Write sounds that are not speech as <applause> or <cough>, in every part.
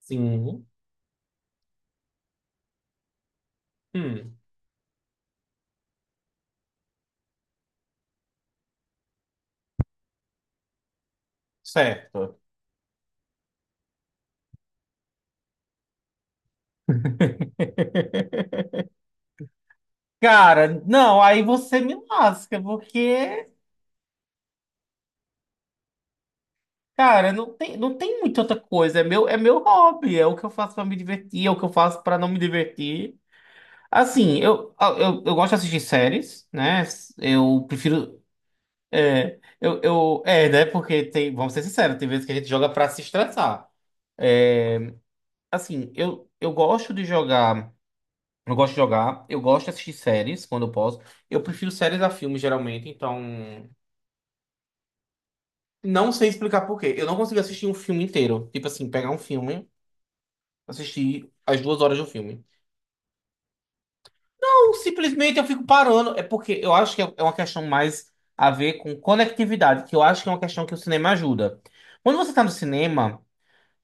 Sim. Hum. Certo. <laughs> Cara, não, aí você me lasca, porque, cara, não tem muita outra coisa. É meu hobby, é o que eu faço pra me divertir, é o que eu faço pra não me divertir. Assim, eu gosto de assistir séries, né? Eu prefiro. É, eu, é, né? Porque tem, vamos ser sinceros, tem vezes que a gente joga pra se estressar. É, assim, eu gosto de jogar. Eu gosto de jogar, eu gosto de assistir séries quando eu posso. Eu prefiro séries a filmes, geralmente, então. Não sei explicar por quê. Eu não consigo assistir um filme inteiro. Tipo assim, pegar um filme, assistir as 2 horas do filme. Ou simplesmente eu fico parando. É porque eu acho que é uma questão mais a ver com conectividade, que eu acho que é uma questão que o cinema ajuda. Quando você tá no cinema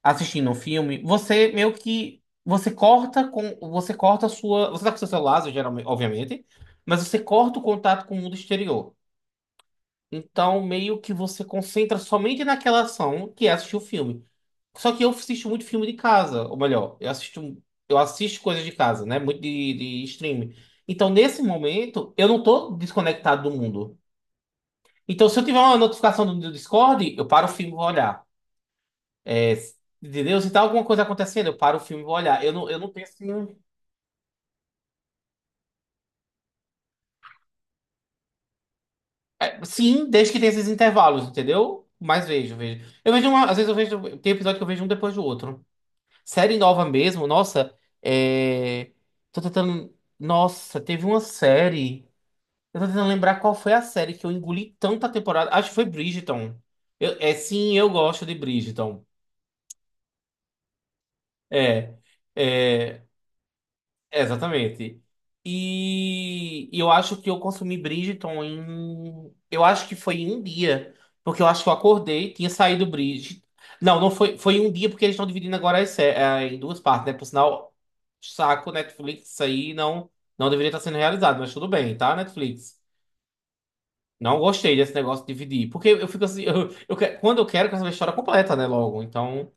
assistindo um filme, você meio que. Você corta com. Você corta a sua. Você tá com seu celular, geralmente, obviamente, mas você corta o contato com o mundo exterior. Então, meio que você concentra somente naquela ação que é assistir o filme. Só que eu assisto muito filme de casa, ou melhor, eu assisto coisas de casa, né? Muito de streaming. Então, nesse momento, eu não tô desconectado do mundo. Então, se eu tiver uma notificação do Discord, eu paro o filme e vou olhar. É, entendeu? Se tá alguma coisa acontecendo, eu paro o filme e vou olhar. Eu não tenho assim. É, sim, desde que tenha esses intervalos, entendeu? Mas vejo, vejo. Eu vejo uma, às vezes eu vejo. Tem episódio que eu vejo um depois do outro. Série nova mesmo, nossa, é, tô tentando. Nossa, teve uma série. Eu tô tentando lembrar qual foi a série que eu engoli tanta temporada. Acho que foi Bridgerton. É sim, eu gosto de Bridgerton. É. É, é, exatamente. E eu acho que eu consumi Bridgerton em. Eu acho que foi em um dia. Porque eu acho que eu acordei, tinha saído Bridgerton. Não, não foi, foi em um dia, porque eles estão dividindo agora em duas partes, né? Por sinal, saco, Netflix, isso aí não deveria estar sendo realizado, mas tudo bem, tá, Netflix? Não gostei desse negócio de dividir. Porque eu fico assim, <laughs> quando eu quero saber a história completa, né? Logo. Então.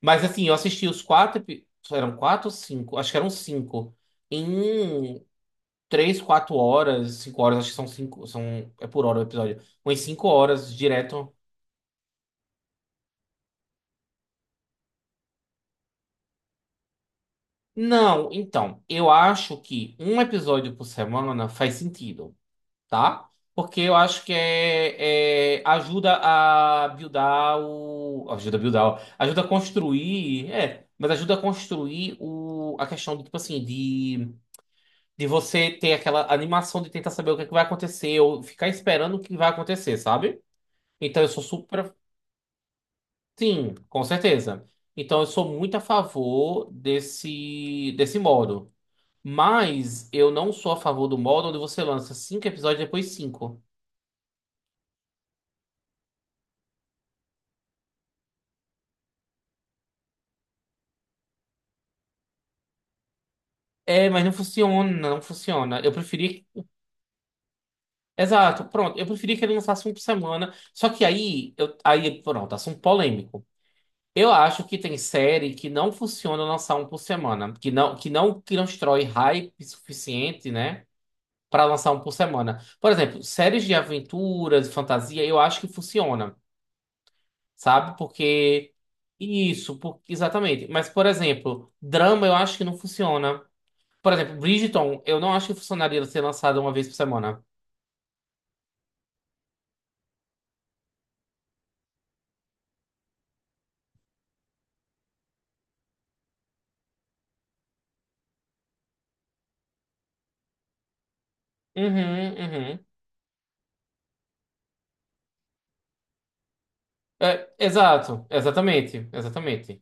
Mas assim, eu assisti os quatro. Eram quatro ou cinco? Acho que eram cinco. Em três, quatro horas, cinco horas, acho que são cinco, são, é por hora o episódio, umas 5 horas direto. Não, então, eu acho que um episódio por semana faz sentido, tá? Porque eu acho que ajuda a buildar o. Ajuda a buildar, ó, ajuda a construir, é, mas ajuda a construir o, a questão do tipo assim, de você ter aquela animação de tentar saber o que é que vai acontecer, ou ficar esperando o que vai acontecer, sabe? Então eu sou super. Sim, com certeza. Então, eu sou muito a favor desse, desse modo. Mas eu não sou a favor do modo onde você lança cinco episódios e depois cinco. É, mas não funciona, não funciona. Eu preferia. Exato, pronto. Eu preferia que ele lançasse um por semana. Só que aí, pronto, assunto polêmico. Eu acho que tem série que não funciona lançar um por semana, que não constrói hype suficiente, né? Para lançar um por semana. Por exemplo, séries de aventuras, fantasia, eu acho que funciona, sabe? Porque isso, exatamente. Mas, por exemplo, drama eu acho que não funciona. Por exemplo, Bridgerton, eu não acho que funcionaria ser lançada uma vez por semana. Uhum, uhum. É, exato, exatamente, exatamente.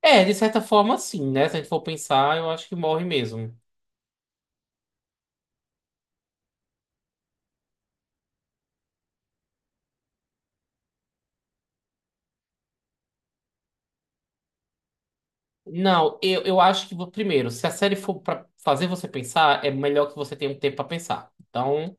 É, de certa forma, sim, né? Se a gente for pensar, eu acho que morre mesmo. Não, eu acho que, primeiro, se a série for pra fazer você pensar, é melhor que você tenha um tempo pra pensar. Então.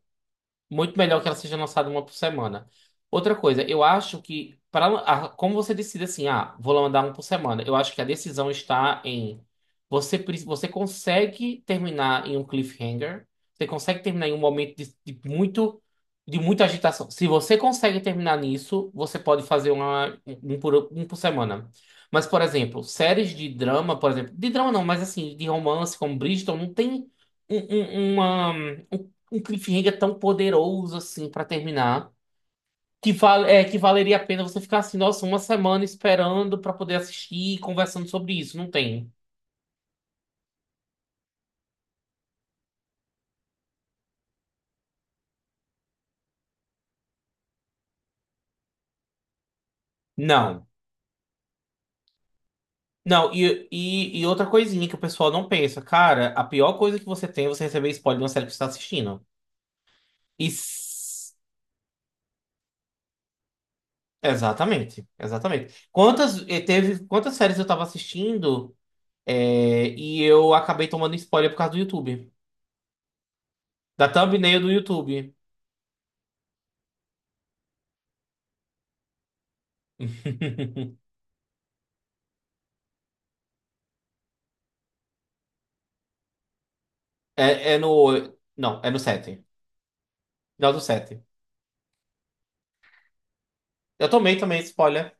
Muito melhor que ela seja lançada uma por semana. Outra coisa, eu acho que, para, como você decide assim, ah, vou mandar um por semana, eu acho que a decisão está em você, você consegue terminar em um cliffhanger, você consegue terminar em um momento de muito, de muita agitação. Se você consegue terminar nisso, você pode fazer um por semana. Mas, por exemplo, séries de drama, por exemplo, de drama não, mas assim, de romance, como Bridgerton, não tem um, um, uma- um um cliffhanger tão poderoso assim pra terminar, que valeria a pena você ficar assim, nossa, uma semana esperando pra poder assistir e conversando sobre isso. Não tem. Não. Não, e outra coisinha que o pessoal não pensa, cara, a pior coisa que você tem é você receber spoiler de uma série que você está assistindo. E s- Exatamente, exatamente. Quantas séries eu tava assistindo, e eu acabei tomando spoiler por causa do YouTube, da thumbnail do YouTube. <laughs> Não, é no sete. Final do 7. Eu tomei também spoiler.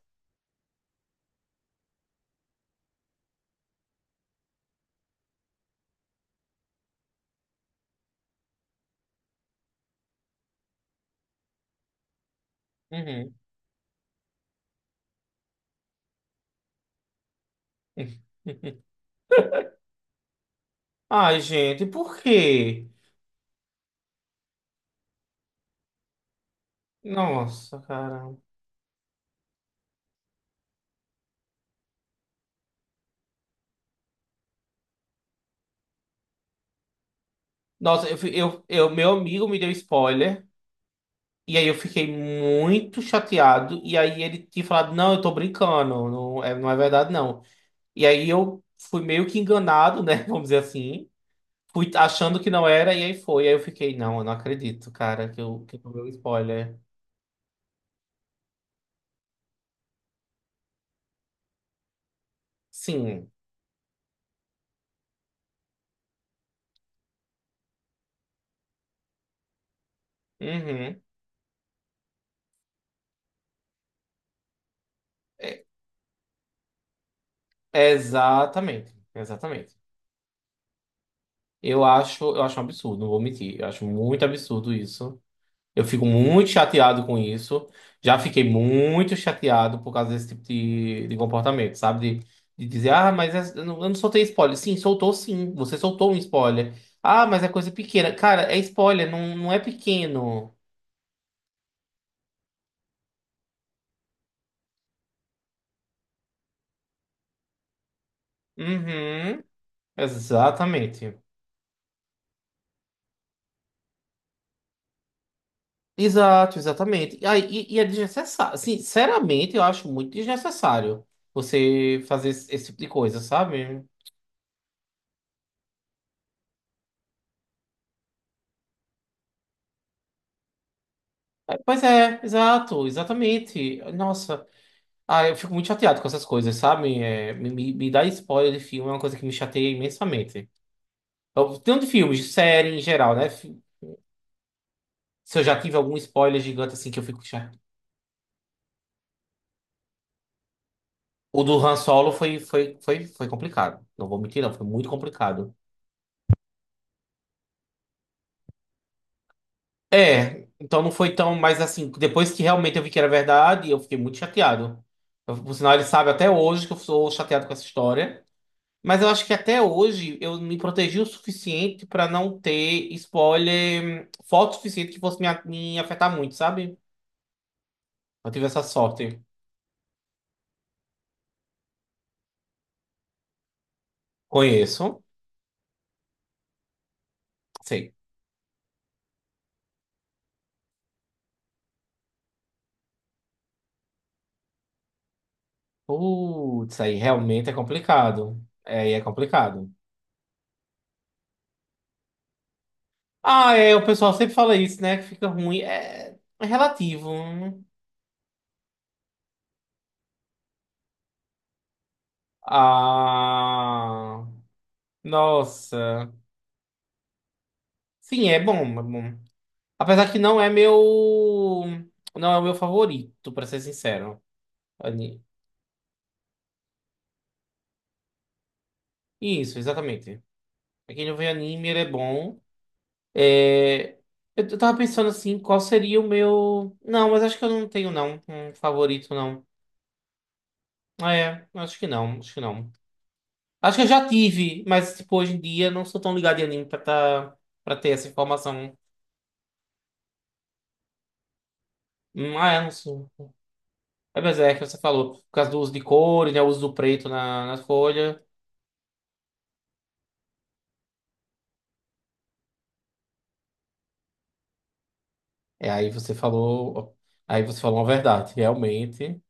Uhum. Ai, gente, por quê? Nossa, cara. Nossa, eu, fi- eu- meu amigo me deu spoiler. E aí eu fiquei muito chateado. E aí ele tinha falado, não, eu tô brincando. Não é, não é verdade, não. E aí eu fui meio que enganado, né? <laughs> Vamos dizer assim. Fui achando que não era, e aí foi. E aí eu fiquei, não, eu não acredito, cara, que eu tomei o spoiler. Sim. Uhum. É, exatamente, exatamente. Eu acho um absurdo, não vou mentir. Eu acho muito absurdo isso. Eu fico muito chateado com isso. Já fiquei muito chateado por causa desse tipo de comportamento, sabe? De dizer, ah, mas eu não soltei spoiler. Sim, soltou sim. Você soltou um spoiler. Ah, mas é coisa pequena. Cara, é spoiler, não, não é pequeno. Uhum, exatamente. Exato, exatamente. É desnecessário. Sinceramente, eu acho muito desnecessário você fazer esse, esse tipo de coisa, sabe? É, pois é, exato, exatamente. Nossa, ah, eu fico muito chateado com essas coisas, sabe? É, me dar spoiler de filme é uma coisa que me chateia imensamente. Tanto de filmes, de série em geral, né? Se eu já tive algum spoiler gigante assim que eu fico chateado. O do Han Solo foi complicado. Não vou mentir, não, foi muito complicado. É, então não foi tão, mas assim, depois que realmente eu vi que era verdade, eu fiquei muito chateado. Por sinal, ele sabe até hoje que eu sou chateado com essa história. Mas eu acho que até hoje eu me protegi o suficiente pra não ter spoiler, foto suficiente que fosse me afetar muito, sabe? Eu tive essa sorte. Conheço, sei. Putz, aí realmente é complicado. É, aí é complicado. Ah, é, o pessoal sempre fala isso, né? Que fica ruim. É, é relativo. Ah, nossa. Sim, é bom, é bom. Apesar que não é meu, não é o meu favorito, pra ser sincero. Ani- Isso, exatamente. Pra quem não vê anime, ele é bom. É, eu tava pensando assim, qual seria o meu? Não, mas acho que eu não tenho não um favorito não. Ah, é, acho que não, acho que não. Acho que eu já tive, mas tipo hoje em dia não sou tão ligado em anime pra tá, para ter essa informação. Ah, é, não sei. É, mas é que você falou, por causa do uso de cores, né? O uso do preto na folha. É, aí você falou. Aí você falou uma verdade, realmente.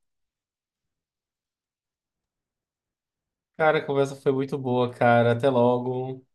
Cara, a conversa foi muito boa, cara. Até logo.